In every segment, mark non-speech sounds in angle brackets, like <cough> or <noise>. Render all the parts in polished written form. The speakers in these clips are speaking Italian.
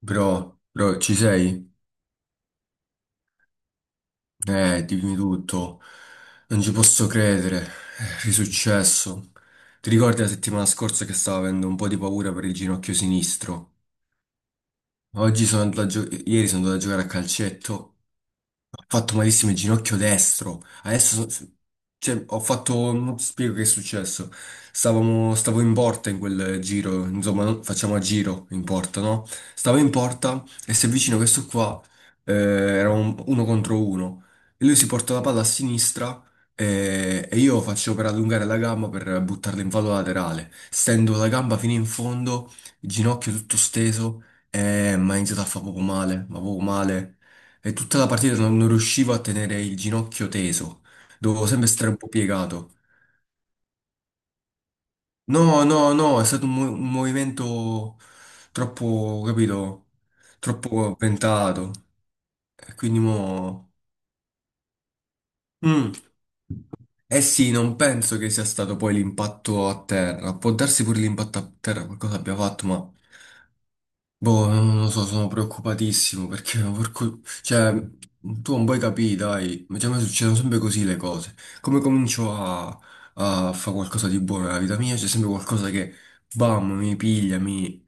Bro, bro, ci sei? Dimmi tutto. Non ci posso credere. È risuccesso. Ti ricordi la settimana scorsa che stavo avendo un po' di paura per il ginocchio sinistro? Oggi sono andato a gio- Ieri sono andato a giocare a calcetto. Ho fatto malissimo il ginocchio destro. Adesso, so- cioè, ho fatto, Non ti spiego che è successo. Stavo in porta in quel giro, insomma, facciamo a giro in porta, no? Stavo in porta e si avvicina questo qua, era uno contro uno. E lui si porta la palla a sinistra e io faccio per allungare la gamba per buttarla in fallo laterale. Stendo la gamba fino in fondo, il ginocchio tutto steso, e mi ha iniziato a fare poco male, ma poco male. E tutta la partita non riuscivo a tenere il ginocchio teso, dovevo sempre stare un po' piegato. No, no, no, è stato un movimento troppo, capito, troppo ventato. E quindi mo... Mm. Eh sì, non penso che sia stato poi l'impatto a terra. Può darsi pure l'impatto a terra, qualcosa abbia fatto, ma... Boh, non lo so, sono preoccupatissimo perché <laughs> tu non puoi capire, dai, cioè, a me succedono sempre così le cose. Come comincio a fare qualcosa di buono nella vita mia, c'è sempre qualcosa che, bam, mi piglia, mi,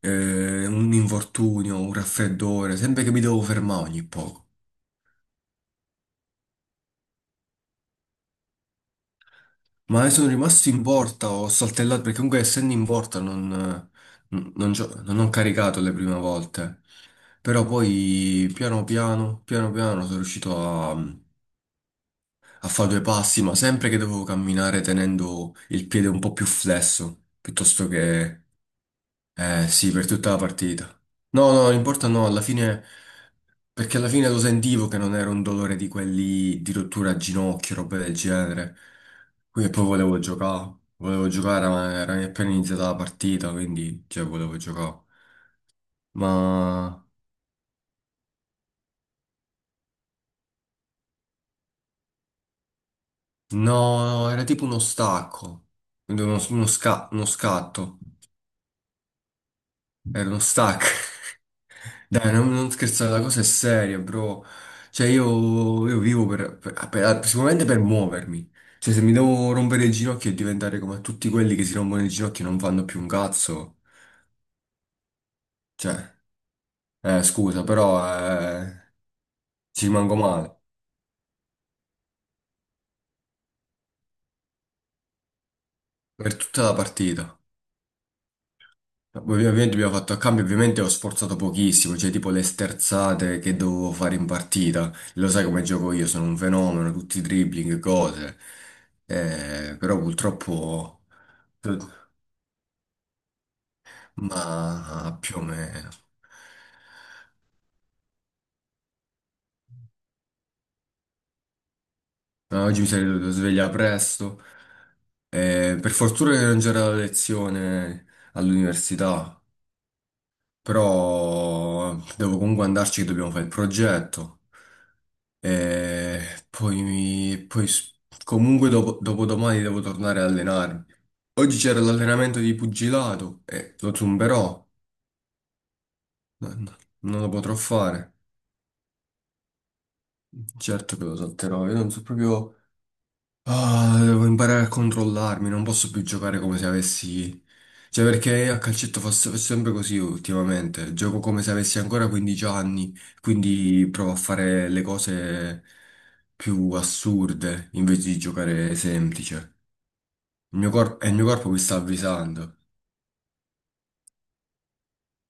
eh, un infortunio, un raffreddore, sempre che mi devo fermare ogni poco. Ma adesso sono rimasto in porta, ho saltellato, perché comunque essendo in porta non ho caricato le prime volte. Però poi piano piano, piano piano sono riuscito a a fare due passi, ma sempre che dovevo camminare tenendo il piede un po' più flesso, piuttosto che, eh sì, per tutta la partita. No, no, non importa, no, alla fine, perché alla fine lo sentivo che non era un dolore di quelli di rottura a ginocchio, roba del genere. Quindi poi volevo giocare, ma era appena iniziata la partita, quindi, cioè, volevo giocare. Ma, no, no, era tipo uno stacco, uno scatto, era uno stacco. Dai, non scherzare, la cosa è seria, bro. Cioè, io vivo sicuramente per muovermi. Cioè, se mi devo rompere il ginocchio e diventare come tutti quelli che si rompono il ginocchio e non fanno più un cazzo, cioè, scusa, però eh, ci rimango male per tutta la partita. Ovviamente abbiamo fatto a cambio, ovviamente ho sforzato pochissimo, cioè tipo le sterzate che dovevo fare in partita. Lo sai come gioco io, sono un fenomeno, tutti i dribbling, cose. Però purtroppo... ma più o meno. Ma oggi mi sarei dovuto svegliare presto. Per fortuna che non c'era la lezione all'università, però devo comunque andarci che dobbiamo fare il progetto. E poi, comunque dopo, dopodomani devo tornare a allenarmi. Oggi c'era l'allenamento di pugilato e lo zumberò. No, no, non lo potrò fare. Certo che lo salterò. Io non so proprio. Ah, devo imparare a controllarmi, non posso più giocare come se avessi... Cioè, perché a calcetto faccio sempre così ultimamente. Gioco come se avessi ancora 15 anni, quindi provo a fare le cose più assurde invece di giocare semplice. Il mio corpo mi sta avvisando.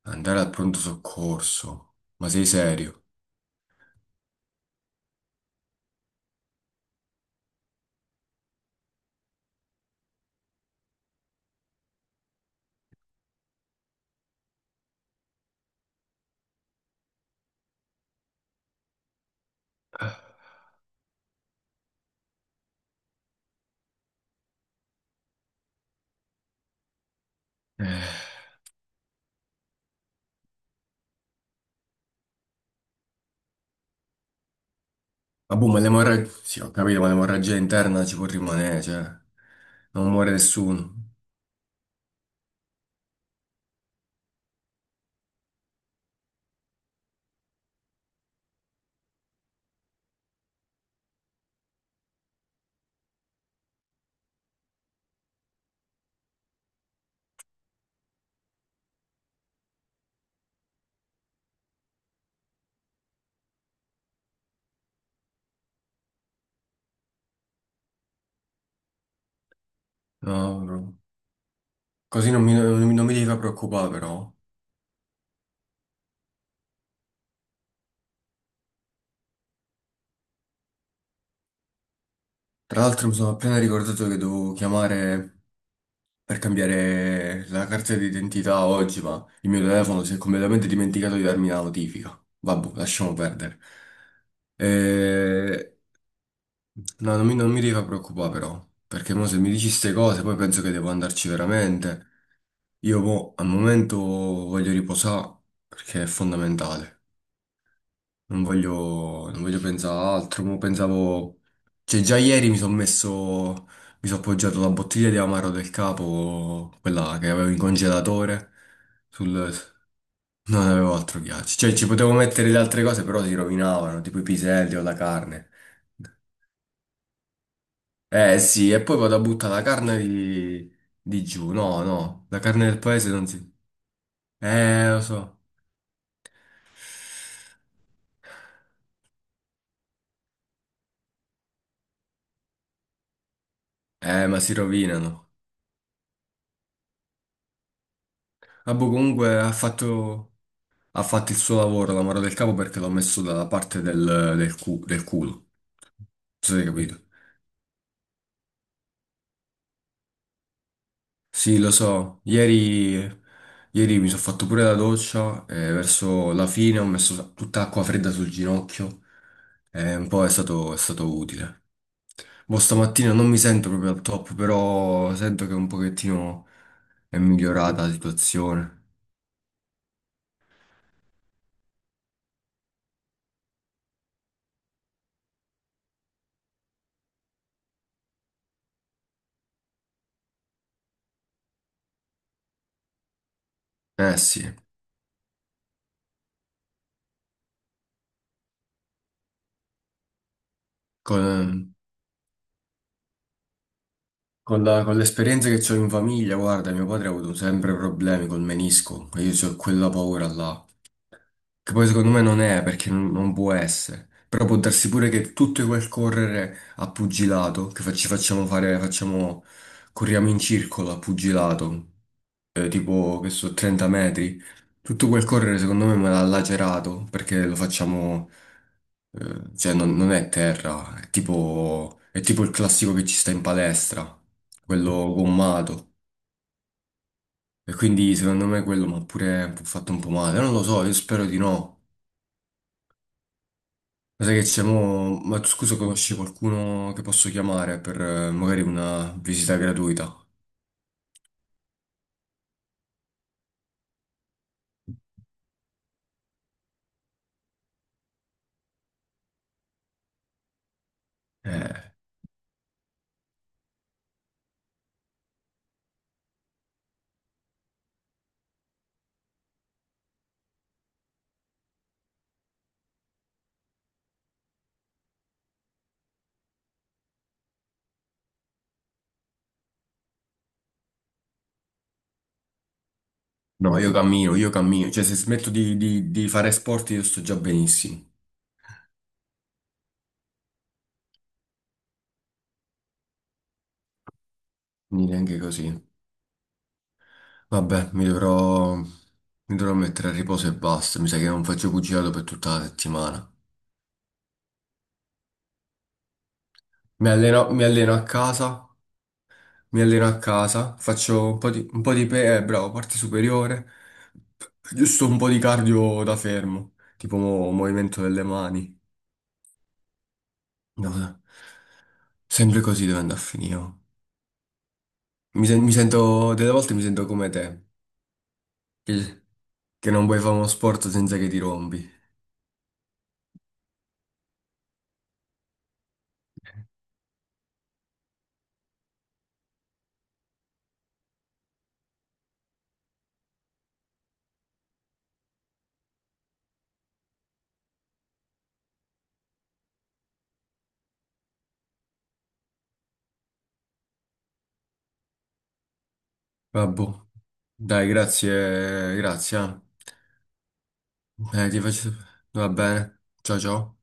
Andare al pronto soccorso. Ma sei serio? Eh. Ma boh, ma l'emorragia... Sì, ho capito, ma l'emorragia interna ci può rimanere, cioè... Non muore nessuno. No, bro. Così non mi devi far preoccupare però. Tra l'altro mi sono appena ricordato che devo chiamare per cambiare la carta d'identità oggi, ma il mio telefono si è completamente dimenticato di darmi la notifica. Vabbè, lasciamo perdere. Eh, No, non mi devi far preoccupare però, perché mo se mi dici queste cose poi penso che devo andarci veramente. Io mo, al momento voglio riposare perché è fondamentale. Non voglio pensare a altro, mo pensavo... Cioè, già ieri mi sono messo... Mi sono appoggiato la bottiglia di amaro del capo, quella che avevo in congelatore, sul... no, non avevo altro ghiaccio. Cioè, ci potevo mettere le altre cose, però si rovinavano, tipo i piselli o la carne. Eh sì, e poi vado a buttare la carne di giù. No, no, la carne del paese non si... lo so. Ma si rovinano. Vabbè, comunque ha fatto... Ha fatto il suo lavoro, la mano del capo, perché l'ho messo dalla parte del, del culo. Non so se hai capito. Sì, lo so. Ieri mi sono fatto pure la doccia e verso la fine ho messo tutta acqua fredda sul ginocchio e un po' è stato utile. Boh, stamattina non mi sento proprio al top, però sento che un pochettino è migliorata la situazione. Eh sì, con- Con con l'esperienza che ho in famiglia, guarda, mio padre ha avuto sempre problemi col menisco e io ho quella paura là, che poi secondo me non è perché non può essere, però può darsi pure che tutto quel correre a pugilato, che fa- ci facciamo fare, facciamo, corriamo in circolo a pugilato, tipo che so, 30 metri. Tutto quel correre secondo me me l'ha lacerato perché lo facciamo, cioè non è terra, è tipo il classico che ci sta in palestra, quello gommato. E quindi secondo me quello mi ha pure fatto un po' male. Non lo so, io spero di no. Ma sai che c'è mo... Ma tu scusa, conosci qualcuno che posso chiamare per magari una visita gratuita? Eh, no, io cammino. Cioè, se smetto di fare sport io sto già benissimo. Quindi neanche così. Vabbè, mi dovrò mettere a riposo e basta. Mi sa che non faccio pugilato per tutta la settimana. Mi alleno, mi alleno a casa, mi alleno a casa, faccio un po' di, un po' di, bravo, parte superiore, giusto un po' di cardio da fermo, tipo movimento delle mani. No, sempre così deve andare a finire. Oh. Mi, sen- mi sento, Delle volte mi sento come te, che, che non puoi fare uno sport senza che ti rompi. Vabbè. Boh. Dai, grazie. Eh. Ti faccio... Va bene. Ciao ciao.